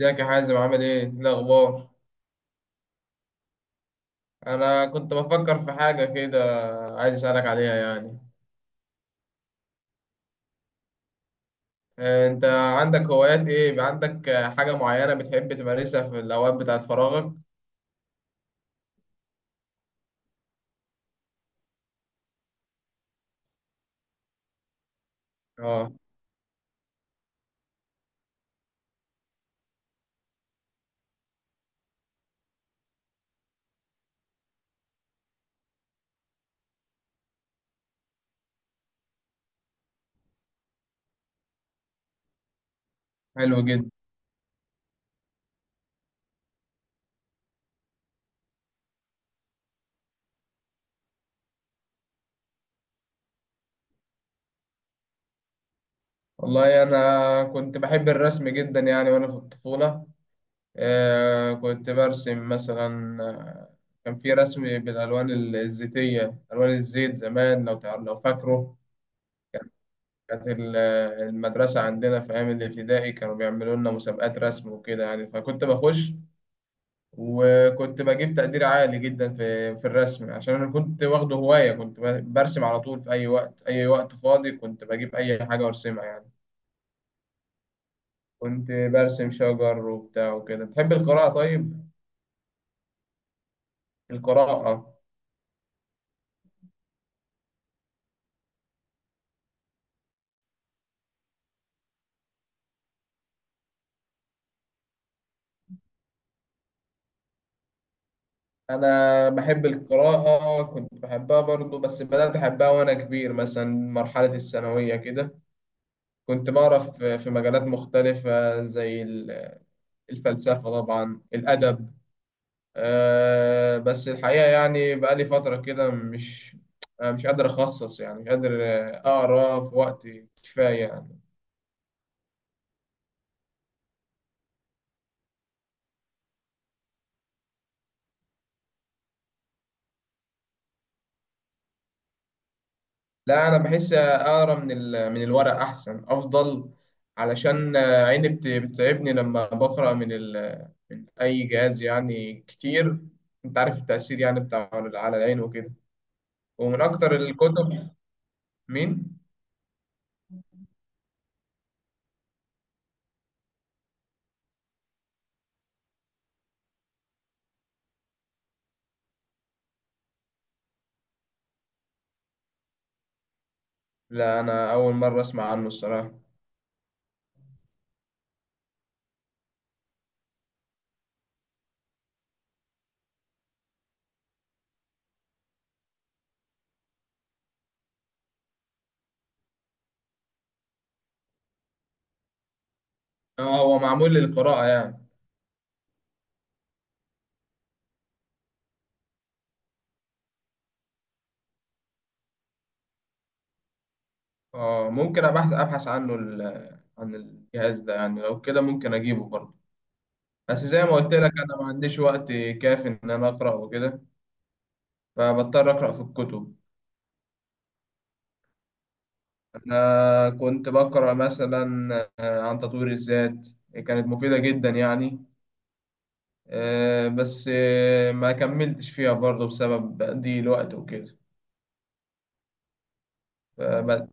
ازيك يا حازم؟ عامل ايه؟ ايه الاخبار؟ انا كنت بفكر في حاجه كده، عايز اسالك عليها يعني. انت عندك هوايات ايه؟ يبقى عندك حاجه معينه بتحب تمارسها في الاوقات بتاعت فراغك؟ اه، حلو جدا. والله انا كنت بحب الرسم جدا يعني وانا في الطفوله. كنت برسم مثلا. كان في رسم بالالوان الزيتيه، الوان الزيت زمان، لو لو فاكره. كانت ال- المدرسة عندنا في أيام الابتدائي كانوا بيعملوا لنا مسابقات رسم وكده يعني، فكنت بخش، وكنت بجيب تقدير عالي جدا في في الرسم، عشان أنا كنت واخده هواية، كنت برسم على طول في أي وقت، أي وقت فاضي كنت بجيب أي حاجة وأرسمها يعني. كنت برسم شجر وبتاع وكده. بتحب القراءة طيب؟ القراءة؟ أنا بحب القراءة، كنت بحبها برضو، بس بدأت أحبها وأنا كبير مثلا مرحلة الثانوية كده. كنت بعرف في مجالات مختلفة زي الفلسفة طبعا، الأدب. بس الحقيقة يعني بقالي فترة كده مش قادر أخصص، يعني مش قادر أقرأ في وقت كفاية يعني. لا أنا بحس أقرأ من من الورق أحسن أفضل، علشان عيني بتتعبني لما بقرأ من من أي جهاز يعني كتير، أنت عارف التأثير يعني بتاع على العين وكده. ومن أكتر الكتب... مين؟ لا انا اول مره اسمع عنه الصراحه. اه، هو معمول للقراءه يعني. اه، ممكن ابحث عنه، عن الجهاز ده يعني، لو كده ممكن اجيبه برضه. بس زي ما قلت لك انا ما عنديش وقت كافي ان انا اقرا وكده، فبضطر اقرا في الكتب. انا كنت بقرا مثلا عن تطوير الذات، كانت مفيده جدا يعني. آه، بس آه، ما كملتش فيها برضه بسبب ضيق الوقت وكده. فما...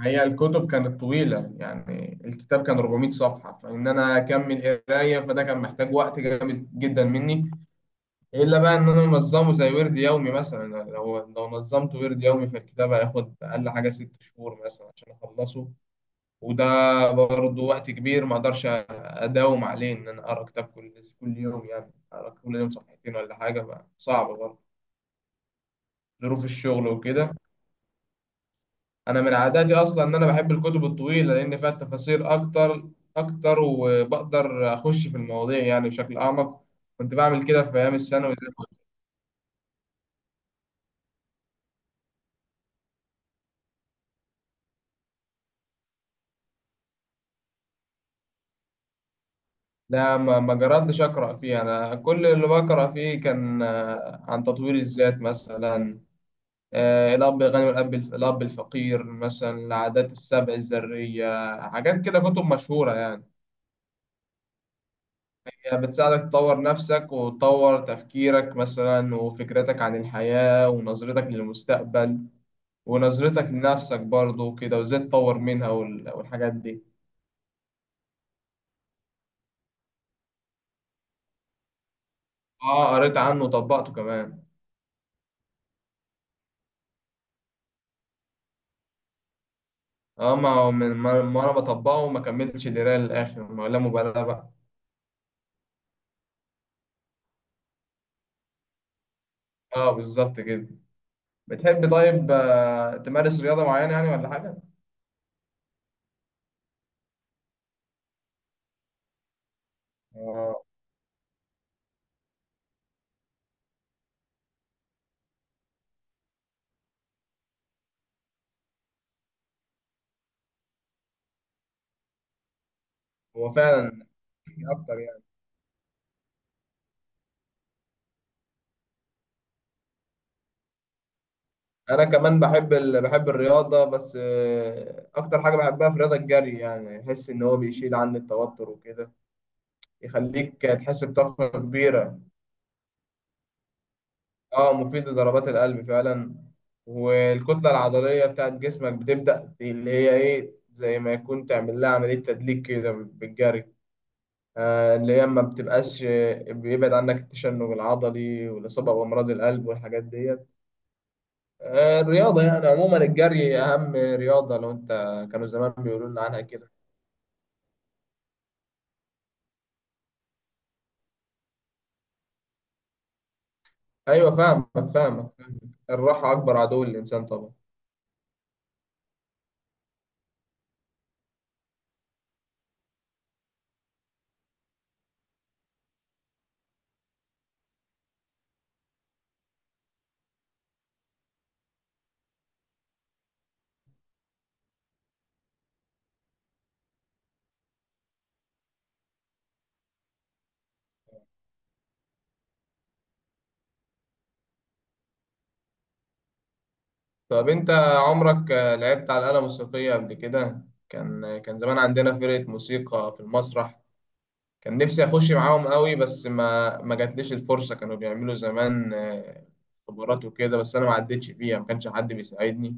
هي الكتب كانت طويلة يعني، الكتاب كان 400 صفحة، فإن أنا أكمل قراية فده كان محتاج وقت جامد جدا مني، إلا بقى إن أنا منظمه زي ورد يومي مثلا. يعني لو نظمت ورد يومي فالكتاب هياخد أقل حاجة 6 شهور مثلا عشان أخلصه. وده برضه وقت كبير، ما أقدرش أداوم عليه إن أنا أقرأ كتاب كل يوم، يعني أقرأ كل يوم صفحتين ولا حاجة، بقى صعب برضه، ظروف الشغل وكده. انا من عاداتي اصلا ان انا بحب الكتب الطويله لان فيها تفاصيل اكتر اكتر، وبقدر اخش في المواضيع يعني بشكل اعمق. كنت بعمل كده في ايام الثانوي زي ما قلت. لا ما جربتش اقرا فيه، انا كل اللي بقرا فيه كان عن تطوير الذات مثلا. الاب الغني والاب الاب الفقير مثلا، العادات السبع الذريه، حاجات كده كتب مشهوره يعني. يعني بتساعدك تطور نفسك وتطور تفكيرك مثلا، وفكرتك عن الحياه ونظرتك للمستقبل ونظرتك لنفسك برضه وكده، وازاي تطور منها والحاجات دي. اه، قريت عنه وطبقته كمان. اه، ما هو من ما انا بطبقه ما كملتش القرايه للاخر، ما لا مبالاه بقى. اه، بالظبط كده. بتحب طيب تمارس رياضه معينه يعني ولا حاجه؟ اه. هو فعلا. في اكتر يعني. انا كمان بحب ال... بحب الرياضه، بس اكتر حاجه بحبها في الرياضه الجري، يعني احس ان هو بيشيل عني التوتر وكده، يخليك تحس بطاقه كبيره. اه، مفيد لضربات القلب فعلا، والكتلة العضلية بتاعت جسمك بتبدأ اللي هي ايه، زي ما يكون تعمل لها عملية تدليك كده بالجري. آه، اللي هي ما بتبقاش... بيبعد عنك التشنج العضلي والإصابة بأمراض القلب والحاجات ديت. آه، الرياضة يعني عموما، الجري أهم رياضة لو أنت... كانوا زمان بيقولوا لنا عنها كده. أيوة فاهمك فاهمك. الراحة أكبر عدو للإنسان طبعا. طب انت عمرك لعبت على آلة موسيقية قبل كده؟ كان... كان زمان عندنا فرقة موسيقى في المسرح، كان نفسي اخش معاهم قوي، بس ما جاتليش الفرصة. كانوا بيعملوا زمان اختبارات وكده، بس انا ما عدتش فيها، ما كانش حد بيساعدني.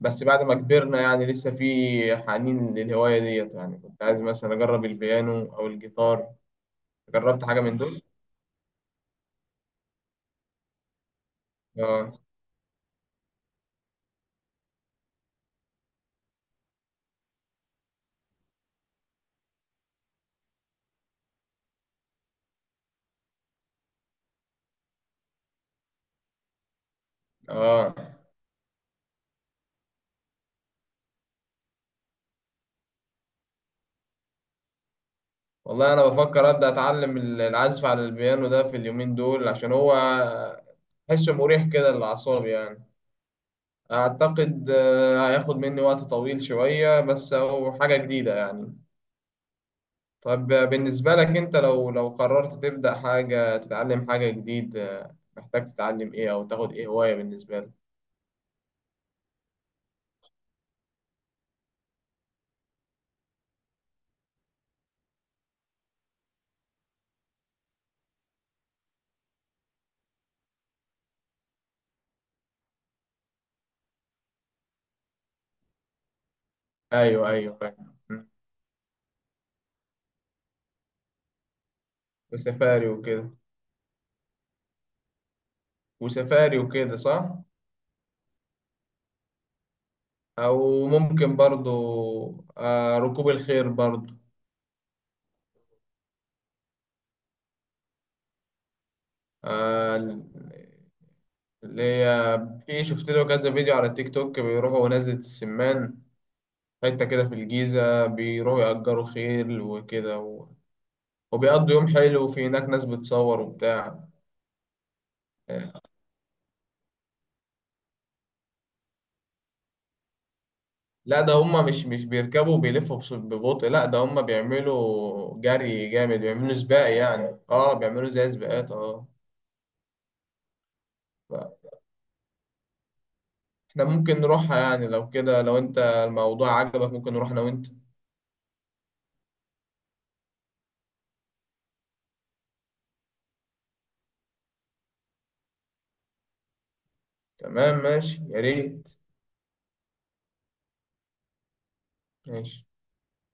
بس بعد ما كبرنا يعني لسه في حنين للهواية ديت، يعني كنت عايز مثلا اجرب البيانو او الجيتار. جربت حاجة من دول؟ اه. اه، والله انا بفكر ابدا اتعلم العزف على البيانو ده في اليومين دول، عشان هو حسه مريح كده للاعصاب يعني. اعتقد هياخد مني وقت طويل شوية، بس هو حاجة جديدة يعني. طب بالنسبة لك انت، لو قررت تبدا حاجة، تتعلم حاجة جديد، محتاج تتعلم ايه او تاخد ايه هواية بالنسبة لك؟ ايوه ايوه فاهم. وسفاري وكده. وسفاري وكده صح. او ممكن برضو ركوب الخيل برضو. آه، اللي هي في، شفت له كذا فيديو على التيك توك بيروحوا نزلة السمان، حتة كده في الجيزة بيروحوا يأجروا خيل وكده و... وبيقضوا يوم حلو، وفي هناك ناس بتصور وبتاع. لا ده هما مش بيركبوا وبيلفوا ببطء، لا ده هما بيعملوا جري جامد، بيعملوا سباق يعني، اه بيعملوا زي سباقات. اه، ف- احنا ممكن نروحها يعني، لو كده لو انت الموضوع عجبك ممكن نروح انا وانت. تمام ماشي، يا ريت. ماشي.